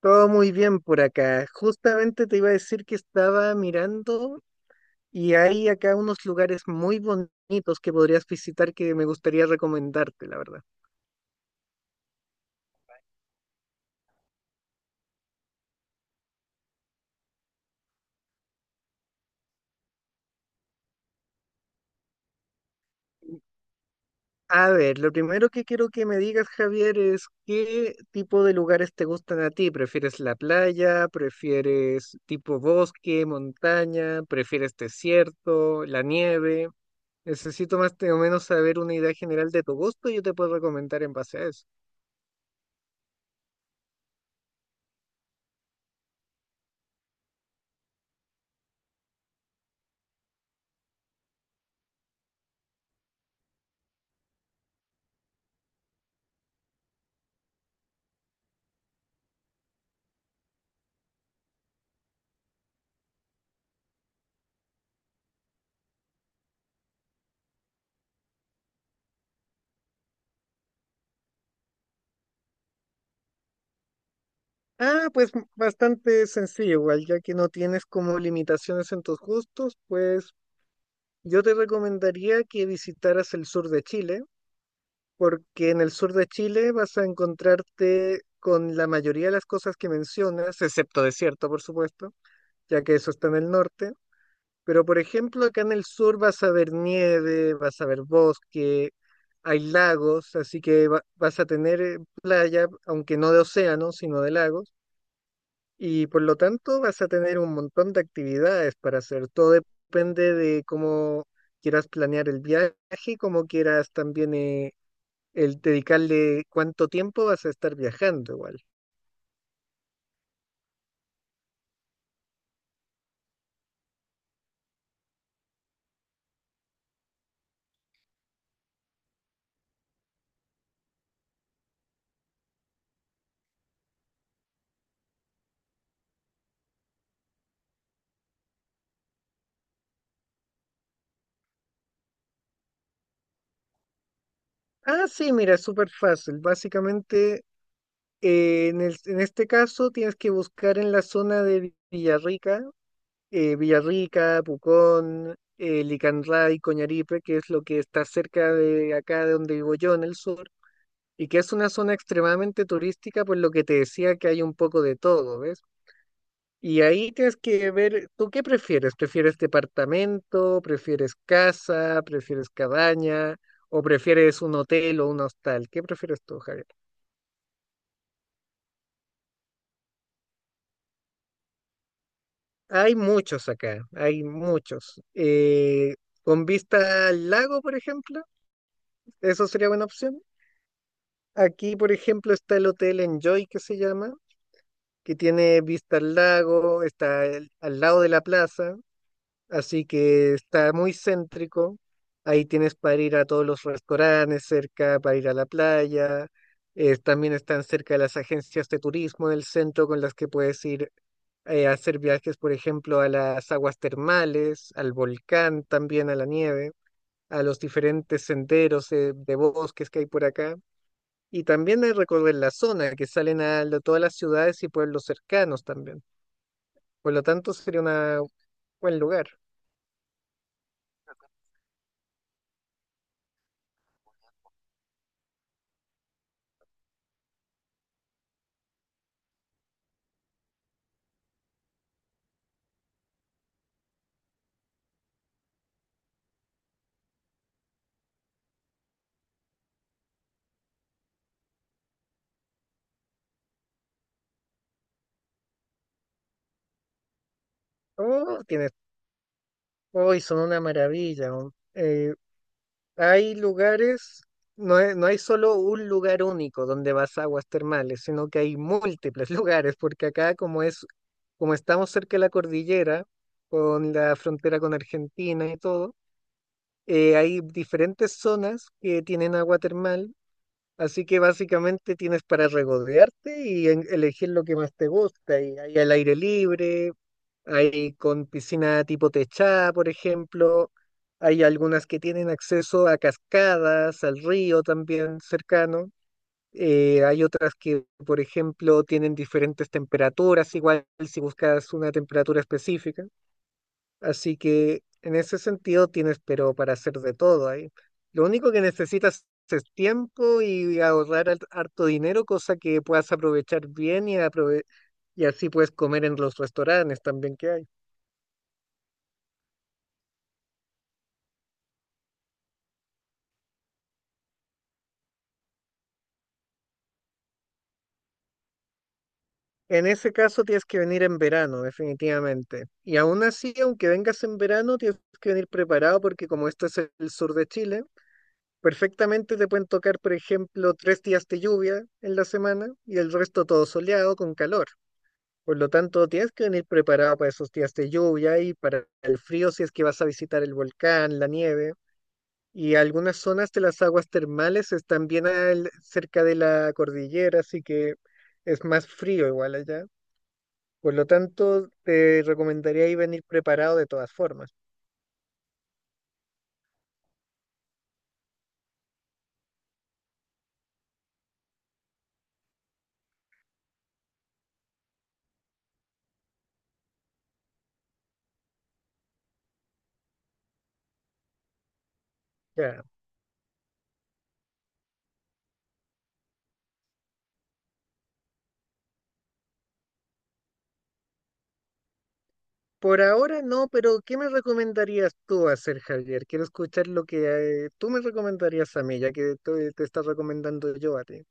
Todo muy bien por acá. Justamente te iba a decir que estaba mirando y hay acá unos lugares muy bonitos que podrías visitar que me gustaría recomendarte, la verdad. A ver, lo primero que quiero que me digas, Javier, es qué tipo de lugares te gustan a ti. ¿Prefieres la playa? ¿Prefieres tipo bosque, montaña? ¿Prefieres desierto, la nieve? Necesito más o menos saber una idea general de tu gusto y yo te puedo recomendar en base a eso. Ah, pues bastante sencillo, igual, ya que no tienes como limitaciones en tus gustos, pues yo te recomendaría que visitaras el sur de Chile, porque en el sur de Chile vas a encontrarte con la mayoría de las cosas que mencionas, excepto desierto, por supuesto, ya que eso está en el norte. Pero por ejemplo, acá en el sur vas a ver nieve, vas a ver bosque, hay lagos, así que vas a tener playa, aunque no de océano, sino de lagos. Y por lo tanto vas a tener un montón de actividades para hacer. Todo depende de cómo quieras planear el viaje, cómo quieras también, el dedicarle cuánto tiempo vas a estar viajando igual. Ah, sí, mira, es súper fácil. Básicamente, en este caso tienes que buscar en la zona de Villarrica, Villarrica, Pucón, Licanray, Coñaripe, que es lo que está cerca de acá de donde vivo yo en el sur y que es una zona extremadamente turística, por lo que te decía que hay un poco de todo, ¿ves? Y ahí tienes que ver, ¿tú qué prefieres? ¿Prefieres departamento? ¿Prefieres casa? ¿Prefieres cabaña? ¿O prefieres un hotel o un hostal? ¿Qué prefieres tú, Javier? Hay muchos acá, hay muchos. Con vista al lago, por ejemplo, eso sería buena opción. Aquí, por ejemplo, está el hotel Enjoy, que se llama, que tiene vista al lago, al lado de la plaza. Así que está muy céntrico. Ahí tienes para ir a todos los restaurantes cerca, para ir a la playa. También están cerca las agencias de turismo del centro con las que puedes ir a hacer viajes, por ejemplo, a las aguas termales, al volcán, también a la nieve, a los diferentes senderos de bosques que hay por acá. Y también hay recorrer la zona, que todas las ciudades y pueblos cercanos también. Por lo tanto, sería un buen lugar. Oh, tienes. Hoy son una maravilla, ¿no? Hay lugares, no, no hay solo un lugar único donde vas a aguas termales, sino que hay múltiples lugares, porque acá como es, como estamos cerca de la cordillera, con la frontera con Argentina y todo, hay diferentes zonas que tienen agua termal, así que básicamente tienes para regodearte y elegir lo que más te gusta. Y hay al aire libre, hay con piscina tipo techada, por ejemplo. Hay algunas que tienen acceso a cascadas, al río también cercano. Hay otras que, por ejemplo, tienen diferentes temperaturas, igual si buscas una temperatura específica. Así que en ese sentido tienes, pero para hacer de todo ahí. Lo único que necesitas es tiempo y ahorrar harto dinero, cosa que puedas aprovechar bien y y así puedes comer en los restaurantes también que hay. En ese caso tienes que venir en verano, definitivamente. Y aún así, aunque vengas en verano, tienes que venir preparado porque como esto es el sur de Chile, perfectamente te pueden tocar, por ejemplo, tres días de lluvia en la semana y el resto todo soleado con calor. Por lo tanto, tienes que venir preparado para esos días de lluvia y para el frío si es que vas a visitar el volcán, la nieve. Y algunas zonas de las aguas termales están bien cerca de la cordillera, así que es más frío igual allá. Por lo tanto, te recomendaría ahí venir preparado de todas formas. Ya. Por ahora no, pero ¿qué me recomendarías tú hacer, Javier? Quiero escuchar lo que tú me recomendarías a mí, ya que te está recomendando yo a ti.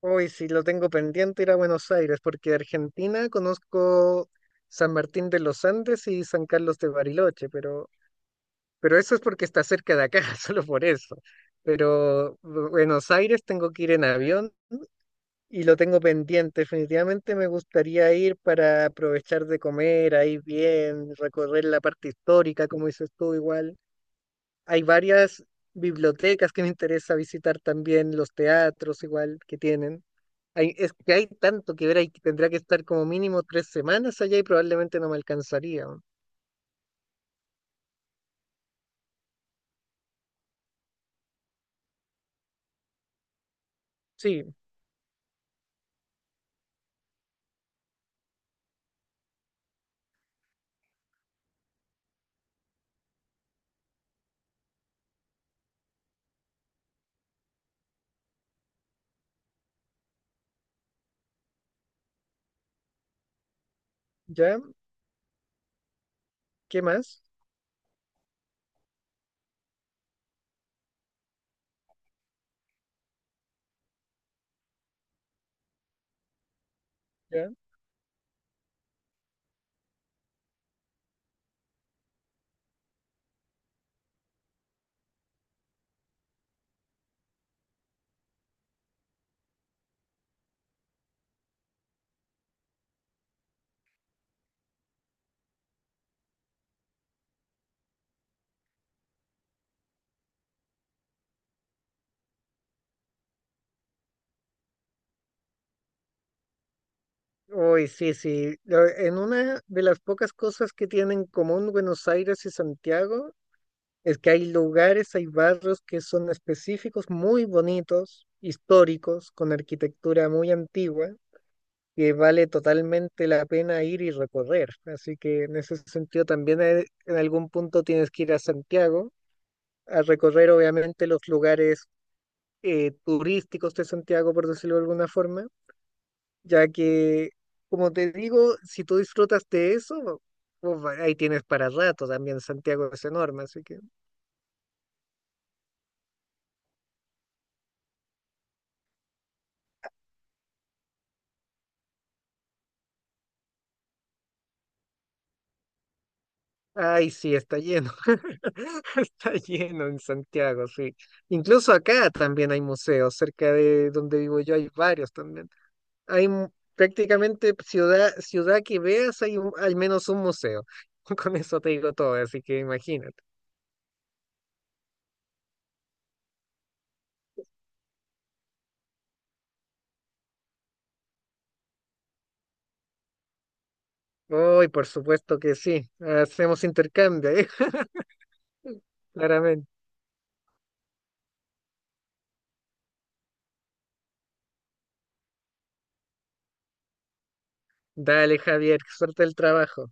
Hoy, si lo tengo pendiente, ir a Buenos Aires, porque de Argentina conozco San Martín de los Andes y San Carlos de Bariloche, pero eso es porque está cerca de acá, solo por eso. Pero Buenos Aires tengo que ir en avión. Y lo tengo pendiente, definitivamente me gustaría ir para aprovechar de comer ahí bien, recorrer la parte histórica, como dices tú igual. Hay varias bibliotecas que me interesa visitar también, los teatros igual que tienen. Hay, es que hay tanto que ver, ahí que tendría que estar como mínimo tres semanas allá y probablemente no me alcanzaría. Sí, ¿ya? ¿Qué más? ¿Ya? Uy, sí, sí. Lo- En una de las pocas cosas que tienen en común Buenos Aires y Santiago es que hay lugares, hay barrios que son específicos, muy bonitos, históricos, con arquitectura muy antigua, que vale totalmente la pena ir y recorrer. Así que en ese sentido también, en algún punto tienes que ir a Santiago a recorrer obviamente los lugares turísticos de Santiago, por decirlo de alguna forma, ya que, como te digo, si tú disfrutas de eso, uf, ahí tienes para rato también, Santiago es enorme, así que. Ay, sí, está lleno. Está lleno en Santiago, sí. Incluso acá también hay museos, cerca de donde vivo yo hay varios también. Hay mu- Prácticamente ciudad, ciudad que veas, hay al menos un museo. Con eso te digo todo, así que imagínate. Hoy, por supuesto que sí. Hacemos intercambio, ¿eh? Claramente. Dale, Javier, suerte el trabajo.